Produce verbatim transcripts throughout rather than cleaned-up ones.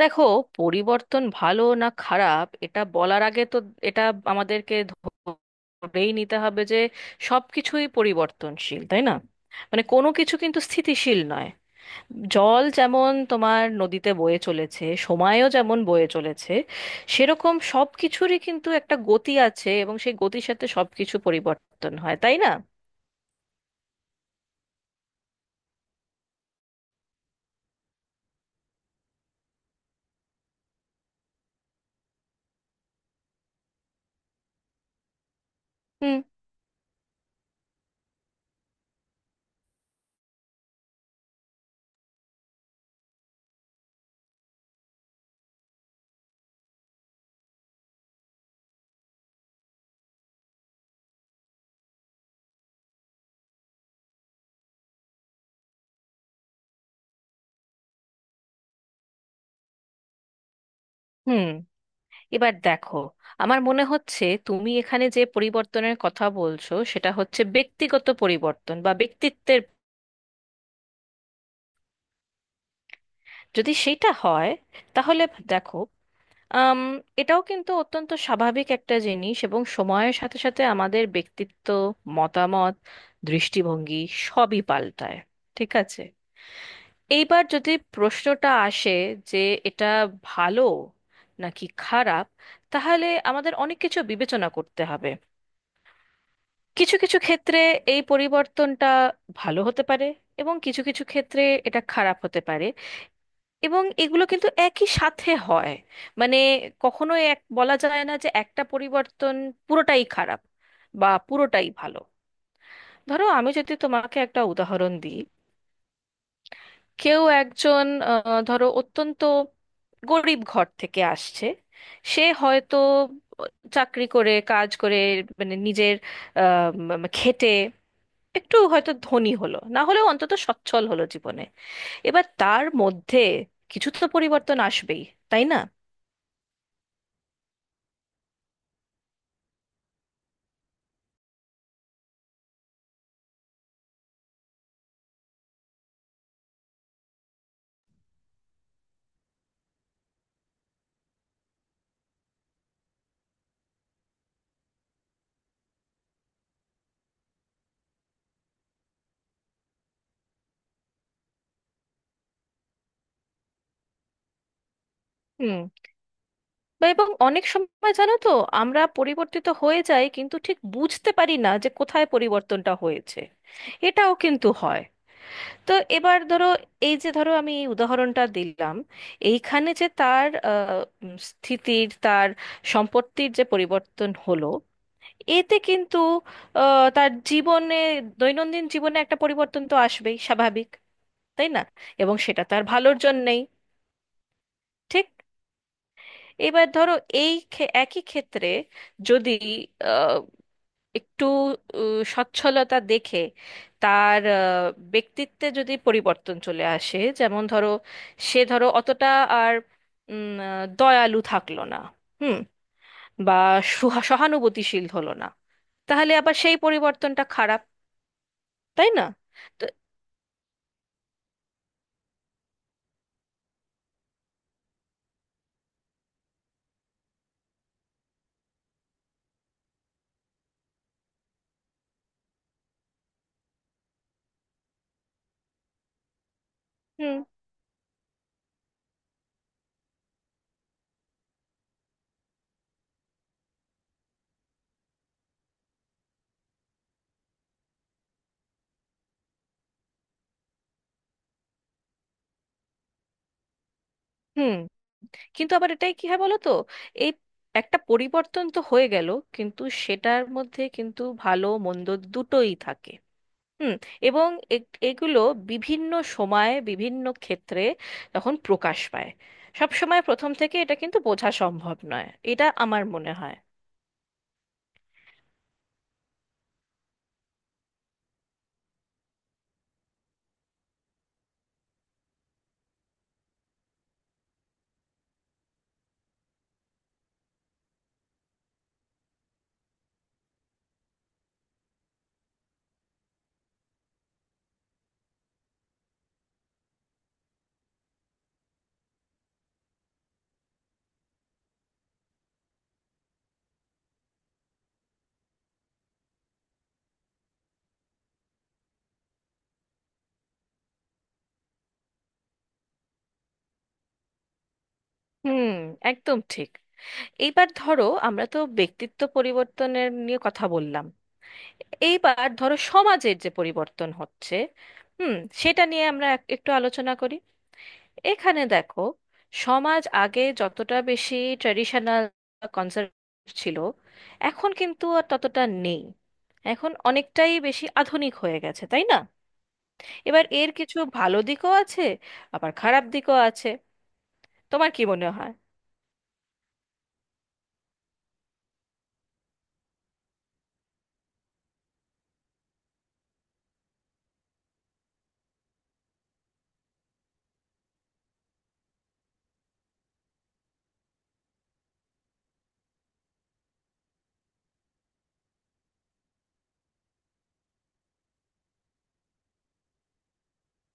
দেখো, পরিবর্তন ভালো না খারাপ এটা বলার আগে তো এটা আমাদেরকে ধরেই নিতে হবে যে সবকিছুই পরিবর্তনশীল, তাই না? মানে কোনো কিছু কিন্তু স্থিতিশীল নয়। জল যেমন তোমার নদীতে বয়ে চলেছে, সময়ও যেমন বয়ে চলেছে, সেরকম সব কিছুরই কিন্তু একটা গতি আছে, এবং সেই গতির সাথে সবকিছু পরিবর্তন হয়, তাই না? হুম। হুম। এবার দেখো, আমার মনে হচ্ছে তুমি এখানে যে পরিবর্তনের কথা বলছো সেটা হচ্ছে ব্যক্তিগত পরিবর্তন বা ব্যক্তিত্বের। যদি সেটা হয়, তাহলে দেখো, আম, এটাও কিন্তু অত্যন্ত স্বাভাবিক একটা জিনিস, এবং সময়ের সাথে সাথে আমাদের ব্যক্তিত্ব, মতামত, দৃষ্টিভঙ্গি সবই পাল্টায়। ঠিক আছে। এইবার যদি প্রশ্নটা আসে যে এটা ভালো নাকি খারাপ, তাহলে আমাদের অনেক কিছু বিবেচনা করতে হবে। কিছু কিছু ক্ষেত্রে এই পরিবর্তনটা ভালো হতে পারে, এবং কিছু কিছু ক্ষেত্রে এটা খারাপ হতে পারে। এবং এগুলো কিন্তু একই সাথে হয়। মানে কখনোই এক বলা যায় না যে একটা পরিবর্তন পুরোটাই খারাপ বা পুরোটাই ভালো। ধরো আমি যদি তোমাকে একটা উদাহরণ দিই, কেউ একজন আহ, ধরো অত্যন্ত গরিব ঘর থেকে আসছে। সে হয়তো চাকরি করে, কাজ করে, মানে নিজের আহ, উম, খেটে একটু হয়তো ধনী হলো, না হলেও অন্তত সচ্ছল হলো জীবনে। এবার তার মধ্যে কিছু তো পরিবর্তন আসবেই, তাই না? হুম। বা এবং অনেক সময় জানো তো, আমরা পরিবর্তিত হয়ে যাই কিন্তু ঠিক বুঝতে পারি না যে কোথায় পরিবর্তনটা হয়েছে। এটাও কিন্তু হয়। তো এবার ধরো, এই যে ধরো আমি এই উদাহরণটা দিলাম, এইখানে যে তার আহ, উম, স্থিতির, তার সম্পত্তির যে পরিবর্তন হলো, এতে কিন্তু আহ, তার জীবনে, দৈনন্দিন জীবনে একটা পরিবর্তন তো আসবেই স্বাভাবিক, তাই না? এবং সেটা তার ভালোর জন্যেই। ঠিক। এবার ধরো এই ক্ষে- একই ক্ষেত্রে যদি আহ, একটু আহ, সচ্ছলতা দেখে তার আহ, ব্যক্তিত্বে যদি পরিবর্তন চলে আসে, যেমন ধরো সে ধরো অতটা আর উম, আহ, দয়ালু থাকলো না, হুম, বা সুহা- সহানুভূতিশীল হলো না, তাহলে আবার সেই পরিবর্তনটা খারাপ, তাই না? তো হুম। হুম। কিন্তু আবার এটাই কি হয় বলো তো, এই একটা পরিবর্তন তো হয়ে গেল, কিন্তু সেটার মধ্যে কিন্তু ভালো মন্দ দুটোই থাকে। হুম। এবং এ- এগুলো বিভিন্ন সময়ে বিভিন্ন ক্ষেত্রে তখন প্রকাশ পায়। সব সময় প্রথম থেকে এটা কিন্তু বোঝা সম্ভব নয়। এটা আমার মনে হয়। হুম। একদম ঠিক। এইবার ধরো আমরা তো ব্যক্তিত্ব পরিবর্তনের নিয়ে কথা বললাম, এইবার ধরো সমাজের যে পরিবর্তন হচ্ছে, হুম, সেটা নিয়ে আমরা এক- একটু আলোচনা করি। এখানে দেখো, সমাজ আগে যতটা বেশি ট্র্যাডিশনাল, কনজার্ভেটিভ ছিল, এখন কিন্তু আর ততটা নেই। এখন অনেকটাই বেশি আধুনিক হয়ে গেছে, তাই না? এবার এর কিছু ভালো দিকও আছে, আবার খারাপ দিকও আছে। তোমার কি মনে হয়?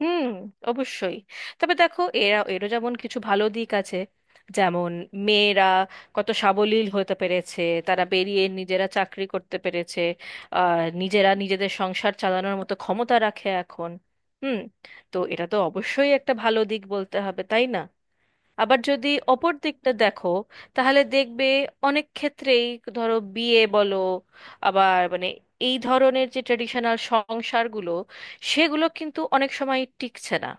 হুম, অবশ্যই। তবে দেখো, এরা এরও যেমন কিছু ভালো দিক আছে। যেমন, মেয়েরা কত সাবলীল হতে পেরেছে, তারা বেরিয়ে নিজেরা চাকরি করতে পেরেছে, আর নিজেরা নিজেদের সংসার চালানোর মতো ক্ষমতা রাখে এখন। হুম। তো এটা তো অবশ্যই একটা ভালো দিক বলতে হবে, তাই না? আবার যদি অপর দিকটা দেখো, তাহলে দেখবে অনেক ক্ষেত্রেই, ধরো বিয়ে বলো, আবার মানে এই ধরনের যে ট্রেডিশনাল সংসারগুলো, সেগুলো কিন্তু অনেক সময় টিকছে না।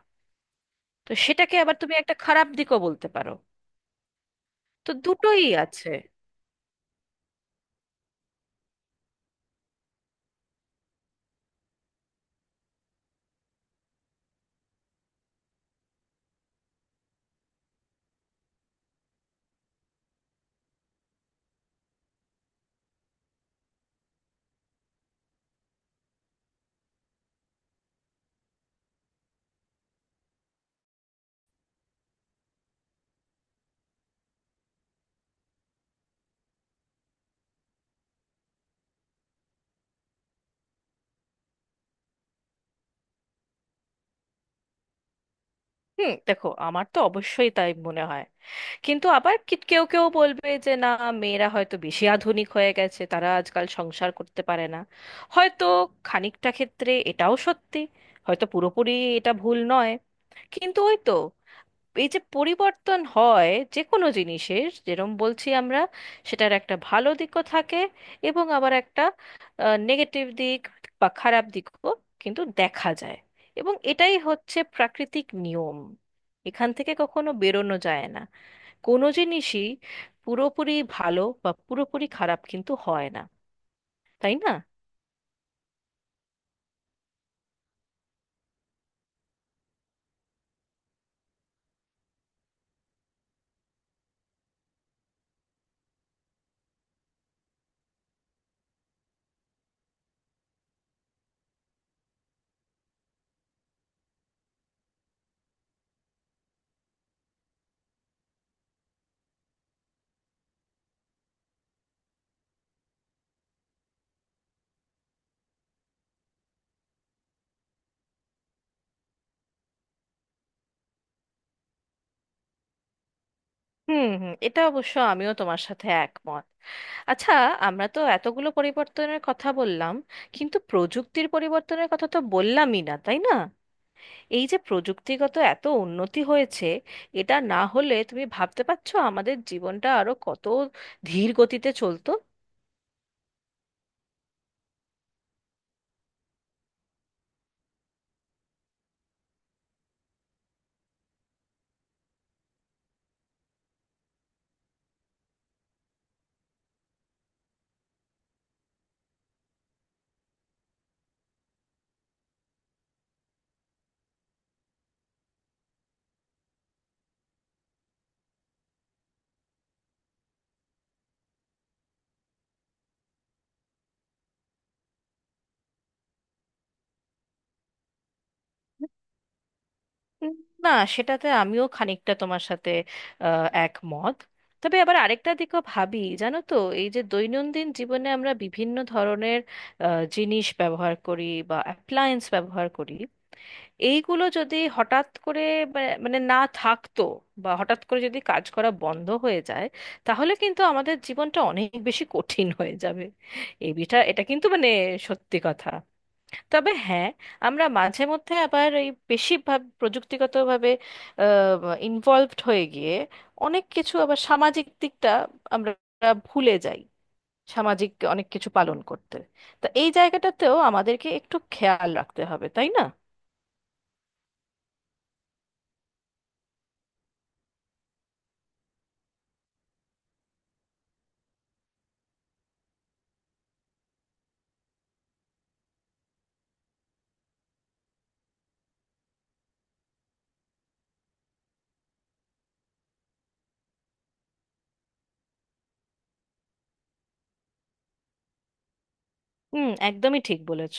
তো সেটাকে আবার তুমি একটা খারাপ দিকও বলতে পারো। তো দুটোই আছে। হুম, দেখো, আমার তো অবশ্যই তাই মনে হয়। কিন্তু আবার কি- কেউ কেউ বলবে যে না, মেয়েরা হয়তো বেশি আধুনিক হয়ে গেছে, তারা আজকাল সংসার করতে পারে না। হয়তো খানিকটা ক্ষেত্রে এটাও সত্যি, হয়তো পুরোপুরি এটা ভুল নয়। কিন্তু ওই তো, এই যে পরিবর্তন হয় যে কোনো জিনিসের, যেরম বলছি আমরা, সেটার একটা ভালো দিকও থাকে, এবং আবার একটা নেগেটিভ দিক বা খারাপ দিকও কিন্তু দেখা যায়। এবং এটাই হচ্ছে প্রাকৃতিক নিয়ম, এখান থেকে কখনো বেরোনো যায় না। কোনো জিনিসই পুরোপুরি ভালো বা পুরোপুরি খারাপ কিন্তু হয় না, তাই না? হুম। হুম, এটা অবশ্য আমিও তোমার সাথে একমত। আচ্ছা, আমরা তো এতগুলো পরিবর্তনের কথা বললাম, কিন্তু প্রযুক্তির পরিবর্তনের কথা তো বললামই না, তাই না? এই যে প্রযুক্তিগত এত উন্নতি হয়েছে, এটা না হলে তুমি ভাবতে পারছো আমাদের জীবনটা আরো কত ধীর গতিতে চলতো? উম, না, সেটাতে আমিও খানিকটা তোমার সাথে আহ, একমত। তবে আবার আরেকটা দিকও ভাবি জানো তো, এই যে দৈনন্দিন জীবনে আমরা বিভিন্ন ধরনের আহ, জিনিস ব্যবহার করি বা অ্যাপ্লায়েন্স ব্যবহার করি, এইগুলো যদি হঠাৎ করে বা- মানে না থাকতো, বা হঠাৎ করে যদি কাজ করা বন্ধ হয়ে যায়, তাহলে কিন্তু আমাদের জীবনটা অনেক বেশি কঠিন হয়ে যাবে। এই বিষয়টা, এটা কিন্তু মানে সত্যি কথা। তবে হ্যাঁ, আমরা মাঝে মধ্যে আবার এই বেশি ভাব প্রযুক্তিগতভাবে ইনভলভড হয়ে গিয়ে অনেক কিছু আবার সামাজিক দিকটা আমরা ভুলে যাই, সামাজিক অনেক কিছু পালন করতে। তা এই জায়গাটাতেও আমাদেরকে একটু খেয়াল রাখতে হবে, তাই না? হুম, একদমই ঠিক বলেছ।